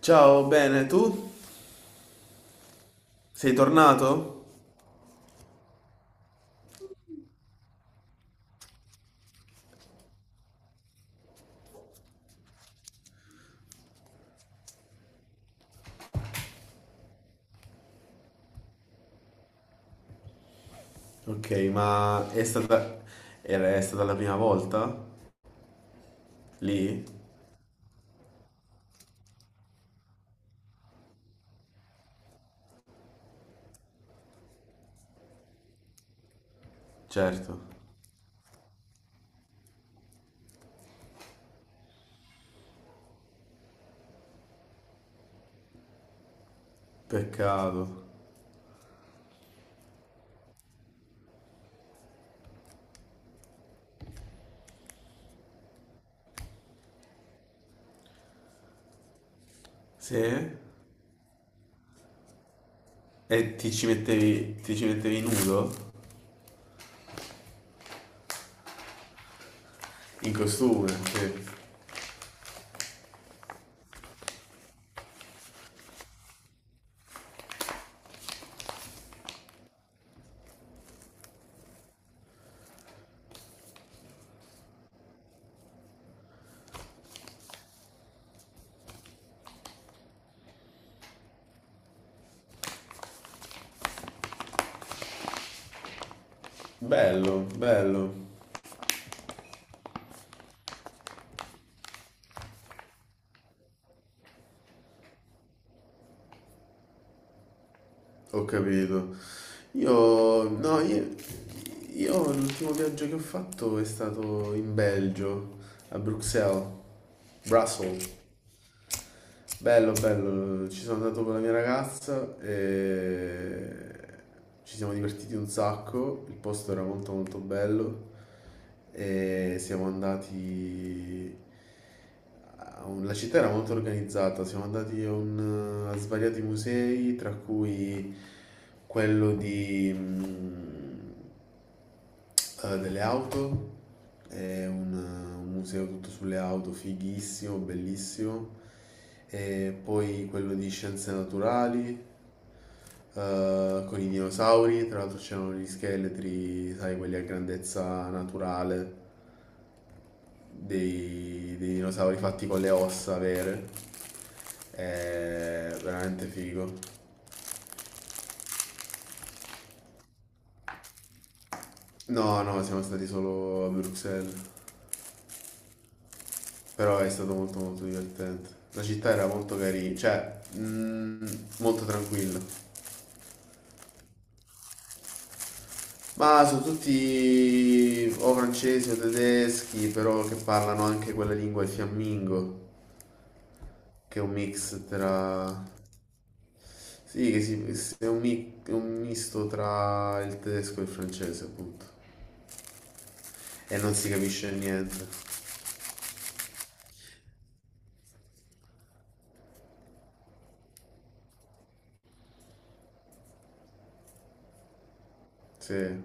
Ciao, bene, tu? Sei tornato? Ok, ma è stata... è stata la prima volta? Lì? Certo. Peccato. Sì? E ti ci mettevi nudo? In costume? Sì. Bello, bello. Ho capito. Io... no, io... Io l'ultimo viaggio che ho fatto è stato in Belgio, a Bruxelles, Brussels. Bello, bello, ci sono andato con la mia ragazza e ci siamo divertiti un sacco, il posto era molto molto bello e siamo andati... La città era molto organizzata, siamo andati a svariati musei, tra cui quello di... delle auto, è un museo tutto sulle auto, fighissimo, bellissimo. E poi quello di scienze naturali, con i dinosauri, tra l'altro c'erano gli scheletri, sai, quelli a grandezza naturale, dei, dei dinosauri fatti con le ossa vere. È veramente figo. No, no, siamo stati solo a Bruxelles. Però è stato molto molto divertente. La città era molto carina, cioè molto tranquilla. Ma sono tutti o francesi o tedeschi, però che parlano anche quella lingua, il fiammingo, che è un mix tra... Sì, è è un misto tra il tedesco e il francese, appunto. E non si capisce niente. Sì,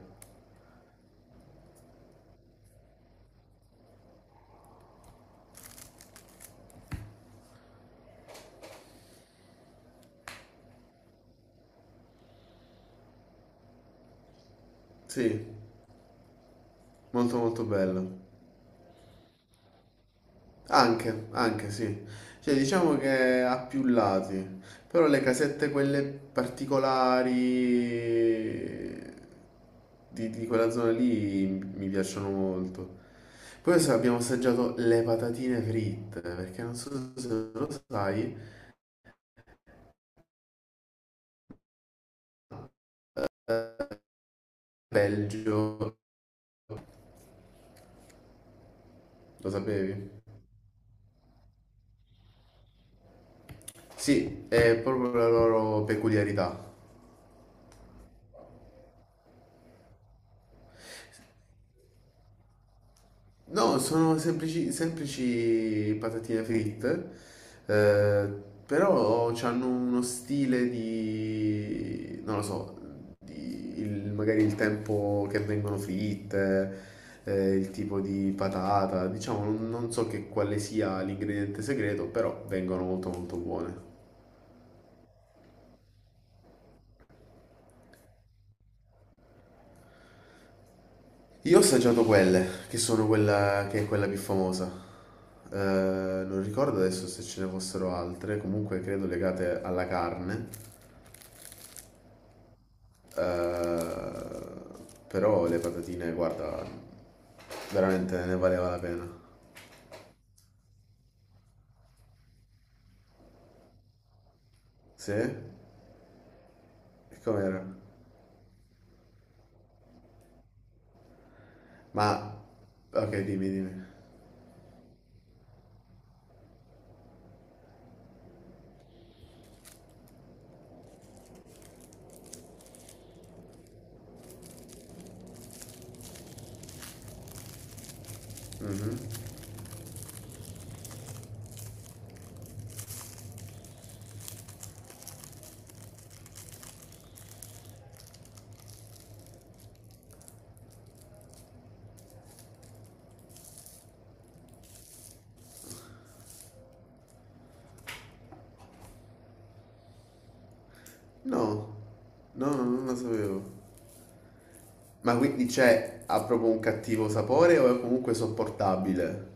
sì, molto molto bello. Anche, anche sì. Cioè, diciamo che ha più lati, però le casette quelle particolari di quella zona lì mi piacciono molto. Poi adesso abbiamo assaggiato le patatine fritte, perché non so se lo sai, eh, Belgio, lo sapevi? Sì, è proprio la loro peculiarità. No, sono semplici, semplici patatine fritte, eh, però hanno uno stile di, non lo so, magari il tempo che vengono fritte, il tipo di patata, diciamo, non so che quale sia l'ingrediente segreto, però vengono molto molto buone. Io ho assaggiato quelle, che sono quella che è quella più famosa. Non ricordo adesso se ce ne fossero altre, comunque credo legate alla carne. Eh, però le patatine, guarda, veramente ne valeva la pena. Sì? E com'era? Ma... Ok, dimmi, dimmi. Mhm. No, no, no, non lo sapevo. Ma quindi ha proprio un cattivo sapore o è comunque sopportabile?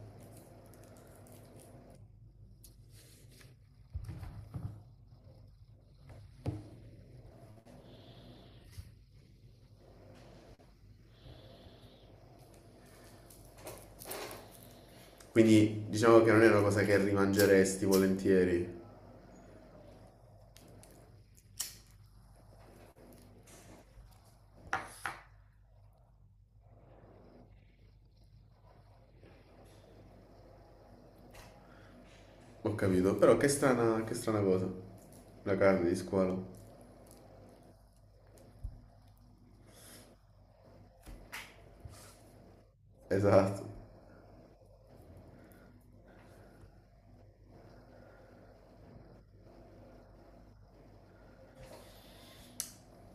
Quindi diciamo che non è una cosa che rimangeresti volentieri. Ho capito, però che strana cosa. La carne di squalo. Esatto.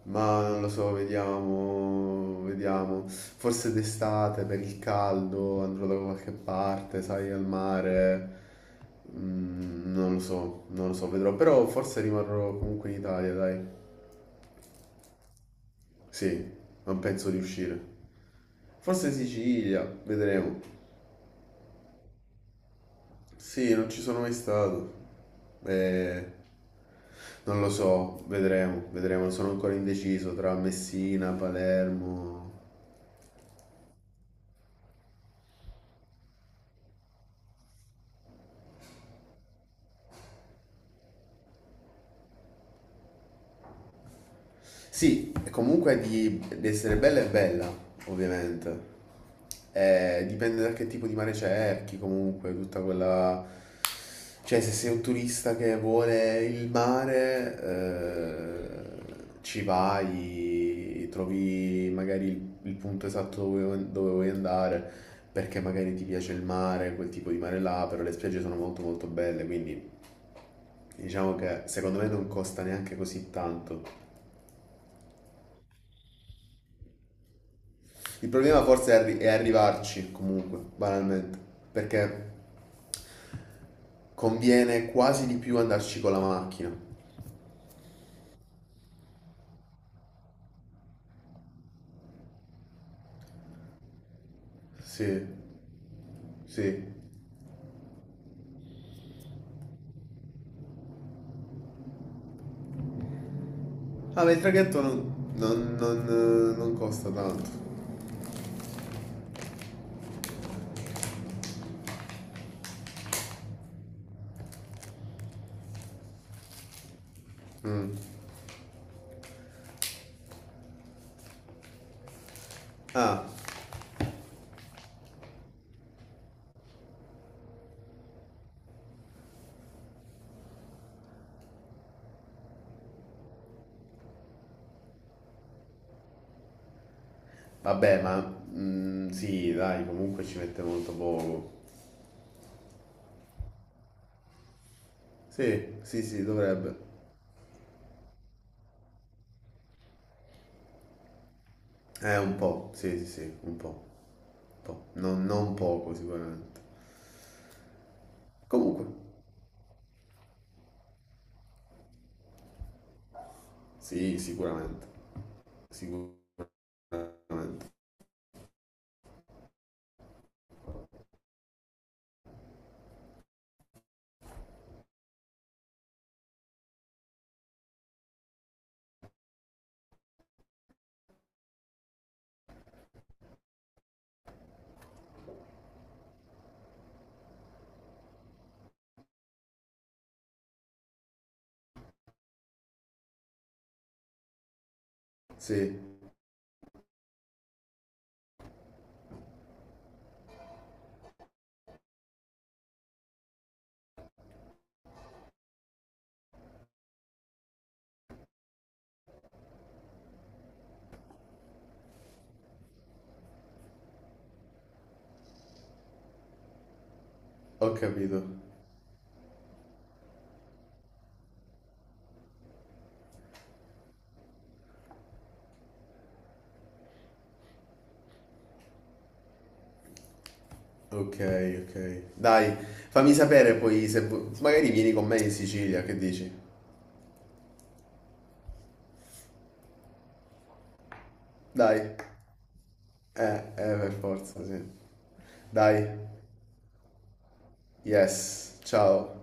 Ma non lo so, vediamo, vediamo. Forse d'estate per il caldo andrò da qualche parte, sai, al mare. Mm, non lo so, non lo so, vedrò. Però forse rimarrò comunque in Italia, dai. Sì, non penso di uscire. Forse Sicilia, vedremo. Sì, non ci sono mai stato. Eh, non lo so, vedremo, vedremo. Sono ancora indeciso tra Messina, Palermo. Sì, e comunque di essere bella è bella, ovviamente. Dipende da che tipo di mare cerchi, comunque, tutta quella... Cioè, se sei un turista che vuole il mare, ci vai, trovi magari il punto esatto dove, dove vuoi andare, perché magari ti piace il mare, quel tipo di mare là, però le spiagge sono molto molto belle, quindi diciamo che secondo me non costa neanche così tanto. Il problema forse è arrivarci comunque, banalmente, perché conviene quasi di più andarci con la macchina. Sì, sì. Ah, ma il traghetto non costa tanto. Mm. Ah, vabbè, sì, dai, comunque ci mette molto poco. Sì, sì, sì, dovrebbe. Un po', sì, sì, sì, un po'. Un po'. Non, non poco sicuramente. Comunque, sì, sicuramente. Sicuramente. Sì. Ho capito. Ok, ok. Dai, fammi sapere poi se magari vieni con me in Sicilia, che dici? Dai. Per forza, sì. Dai. Yes. Ciao.